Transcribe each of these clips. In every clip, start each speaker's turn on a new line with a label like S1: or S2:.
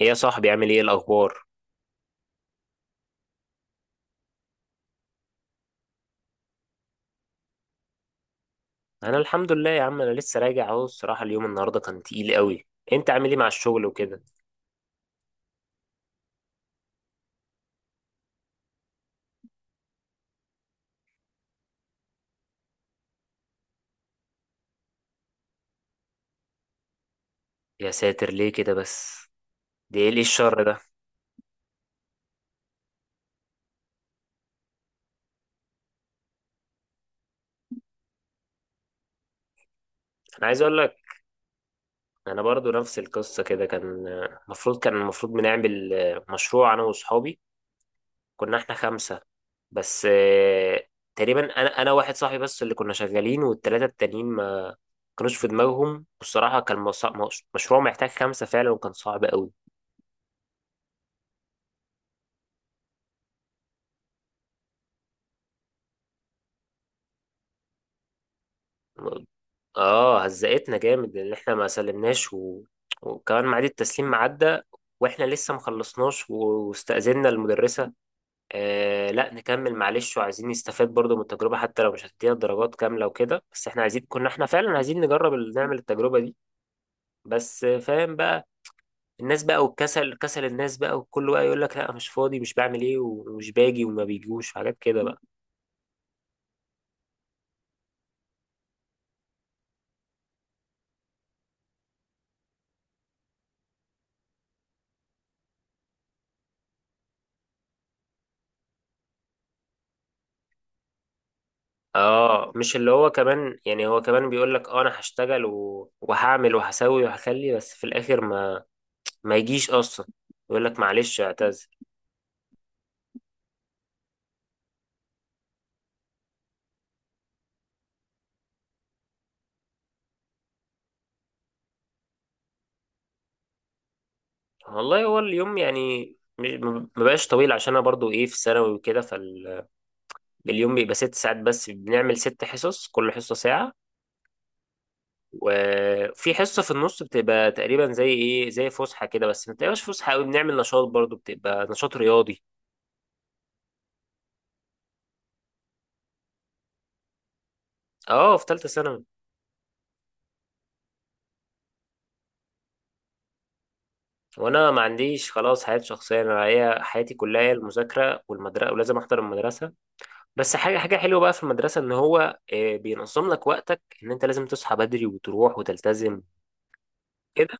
S1: ايه يا صاحبي عامل ايه الاخبار؟ انا الحمد لله يا عم، انا لسه راجع اهو. الصراحه اليوم النهارده كان تقيل قوي. انت عامل ايه مع الشغل وكده؟ يا ساتر ليه كده بس؟ ده ايه، ليه الشر ده؟ انا عايز اقول لك، انا برضو نفس القصه كده. كان المفروض بنعمل مشروع انا واصحابي. كنا احنا خمسه. بس تقريبا انا واحد صاحبي بس اللي كنا شغالين، والثلاثه التانيين ما كانوش في دماغهم. والصراحه كان مشروع محتاج خمسه فعلا، وكان صعب قوي. اه، هزقتنا جامد لان احنا ما سلمناش، وكمان ميعاد التسليم عدى، واحنا لسه ما خلصناش، واستأذنا المدرسة لا نكمل، معلش، وعايزين نستفاد برضو من التجربة حتى لو مش هتدينا درجات كاملة وكده. بس احنا عايزين، كنا احنا فعلا عايزين نجرب، نعمل التجربة دي. بس فاهم بقى، الناس بقى والكسل، كسل الناس بقى، وكل بقى يقول لك لا مش فاضي، مش بعمل ايه، ومش باجي، وما بيجوش، وحاجات كده بقى. اه، مش اللي هو كمان يعني، هو كمان بيقول لك اه انا هشتغل وهعمل وهسوي وهخلي، بس في الاخر ما يجيش اصلا، يقول لك معلش اعتذر. والله هو اليوم يعني م- ما بقاش طويل، عشان انا برضو ايه، في الثانوي وكده. فاليوم بيبقى 6 ساعات بس، بنعمل ست حصص، كل حصة ساعة. وفي حصة في النص بتبقى تقريبا زي ايه، زي فسحة كده، بس ما بتبقاش فسحة قوي، بنعمل نشاط برضو، بتبقى نشاط رياضي. اه، في ثالثة ثانوي. وانا ما عنديش خلاص حياه شخصيه، انا هي حياتي كلها هي المذاكره والمدرسه، ولازم احضر المدرسه. بس حاجه حلوه بقى في المدرسه، ان هو بينظم لك وقتك، ان انت لازم تصحى بدري وتروح وتلتزم كده.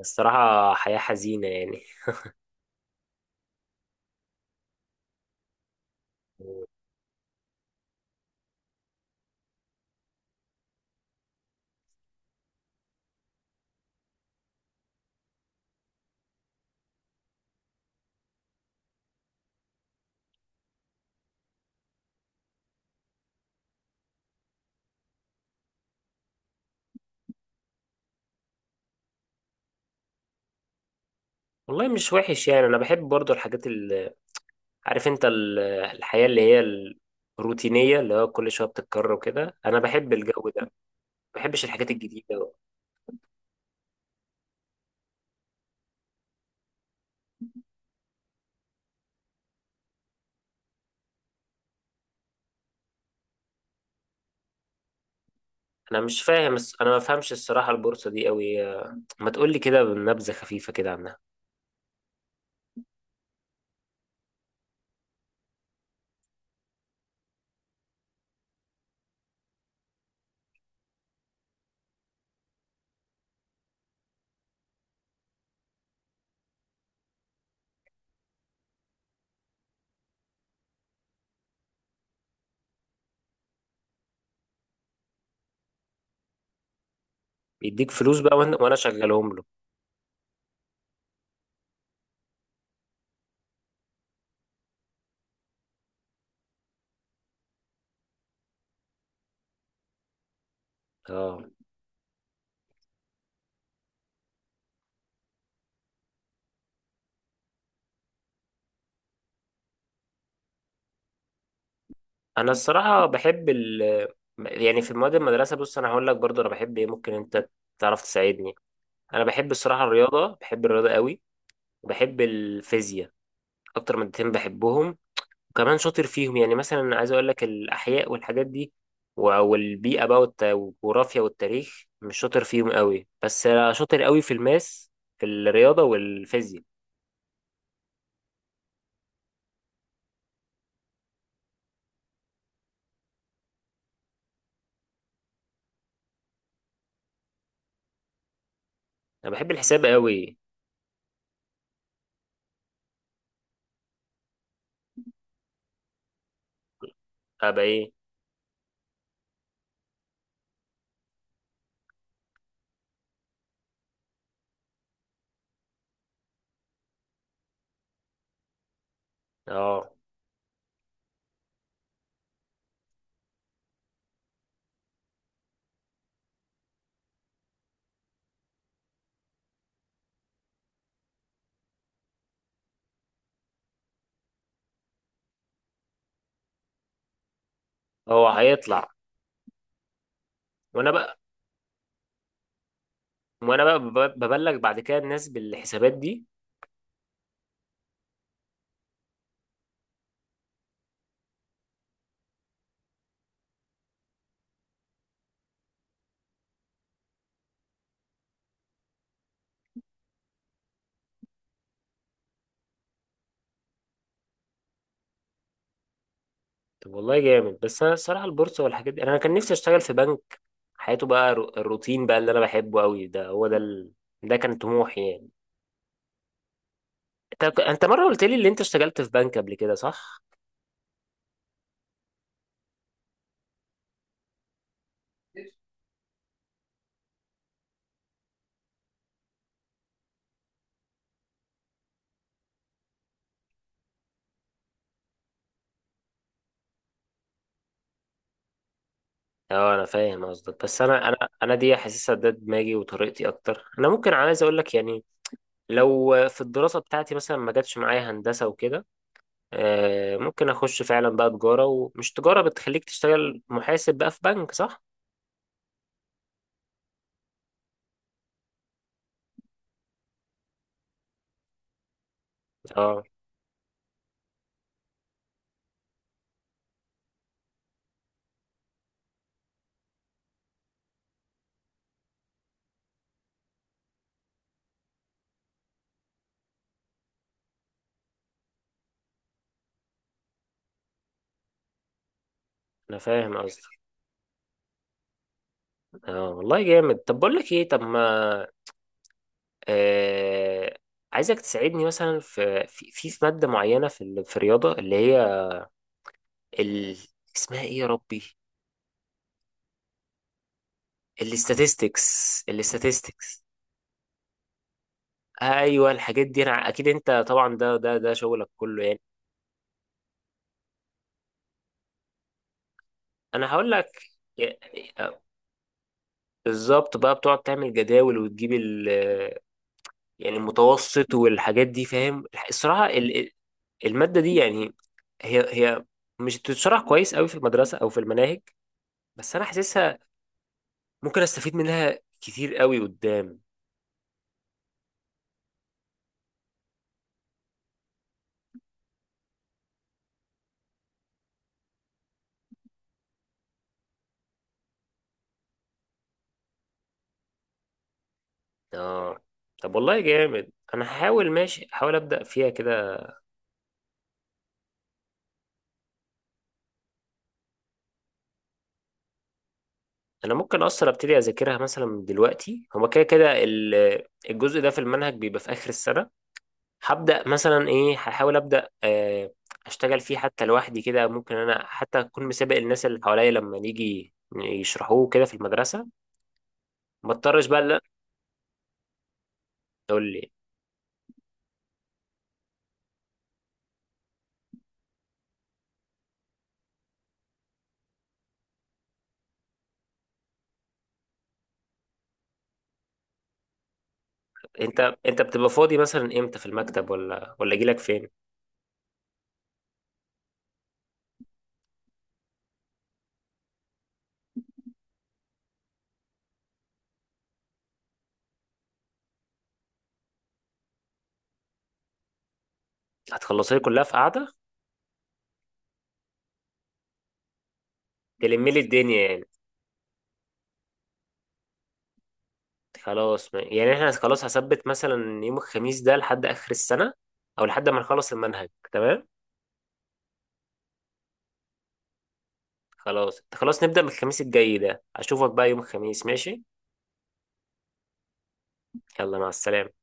S1: الصراحه حياه حزينه يعني. والله مش وحش يعني، انا بحب برضو الحاجات اللي، عارف انت، الحياه اللي هي الروتينيه، اللي هو كل شويه بتتكرر وكده، انا بحب الجو ده، ما بحبش الحاجات الجديده. انا مش فاهم، انا ما بفهمش الصراحه البورصه دي قوي، ما تقول لي كده بنبذه خفيفه كده عنها. بيديك فلوس بقى، وأنا شغلهم له. اه، انا الصراحه بحب يعني في مواد المدرسه، بص انا هقول لك برضه انا بحب ايه، ممكن انت تعرف تساعدني. انا بحب الصراحه الرياضه، بحب الرياضه قوي، وبحب الفيزياء. اكتر مادتين بحبهم، وكمان شاطر فيهم. يعني مثلا عايز اقول لك، الاحياء والحاجات دي، والبيئه بقى، والجغرافيا والتاريخ مش شاطر فيهم قوي، بس أنا شاطر قوي في الرياضه والفيزياء. انا بحب الحساب قوي. ابقى ايه؟ اه، هو هيطلع. وانا بقى وانا بقى ببلغ بعد كده الناس بالحسابات دي. طب والله جامد، بس انا الصراحه البورصه والحاجات دي، انا كان نفسي اشتغل في بنك. حياته بقى الروتين بقى اللي انا بحبه قوي، ده هو ده، ده كان طموحي يعني. انت مره قلت لي اللي انت اشتغلت في بنك قبل كده، صح؟ اه، انا فاهم قصدك بس انا دي حاسسها ده دماغي وطريقتي اكتر، انا ممكن عايز اقول لك يعني، لو في الدراسه بتاعتي مثلا ما جاتش معايا هندسه وكده، ممكن اخش فعلا بقى تجاره، ومش تجاره بتخليك تشتغل محاسب بقى في بنك، صح؟ اه، انا فاهم قصدك. اه والله جامد. طب بقول لك ايه، طب ما آه عايزك تساعدني مثلا في ماده معينه، في في الرياضه اللي هي ال... اسمها ايه يا ربي، الاستاتستكس الاستاتستكس ايوه، الحاجات دي، انا اكيد انت طبعا ده شغلك كله يعني. انا هقول لك يعني، بالظبط بقى بتقعد تعمل جداول وتجيب يعني المتوسط والحاجات دي، فاهم. الصراحه الماده دي يعني هي مش بتتشرح كويس قوي في المدرسه او في المناهج، بس انا حاسسها ممكن استفيد منها كتير قوي قدام. اه، طب والله جامد، انا هحاول، ماشي هحاول ابدا فيها كده. انا ممكن اصلا ابتدي اذاكرها مثلا من دلوقتي، هو كده كده الجزء ده في المنهج بيبقى في اخر السنه. هبدا مثلا ايه، هحاول ابدا اشتغل فيه حتى لوحدي كده، ممكن انا حتى اكون مسابق الناس اللي حواليا لما نيجي يشرحوه كده في المدرسه، ما اضطرش بقى لا. تقول لي، انت بتبقى فاضي مثلا امتى، في المكتب ولا اجي لك فين؟ هتخلصها لي كلها في قعده؟ تلم لي الدنيا يعني. خلاص يعني احنا خلاص هثبت مثلا يوم الخميس ده لحد اخر السنه، او لحد ما نخلص المنهج، تمام. خلاص خلاص، نبدأ من الخميس الجاي ده، اشوفك بقى يوم الخميس، ماشي. يلا، مع السلامة.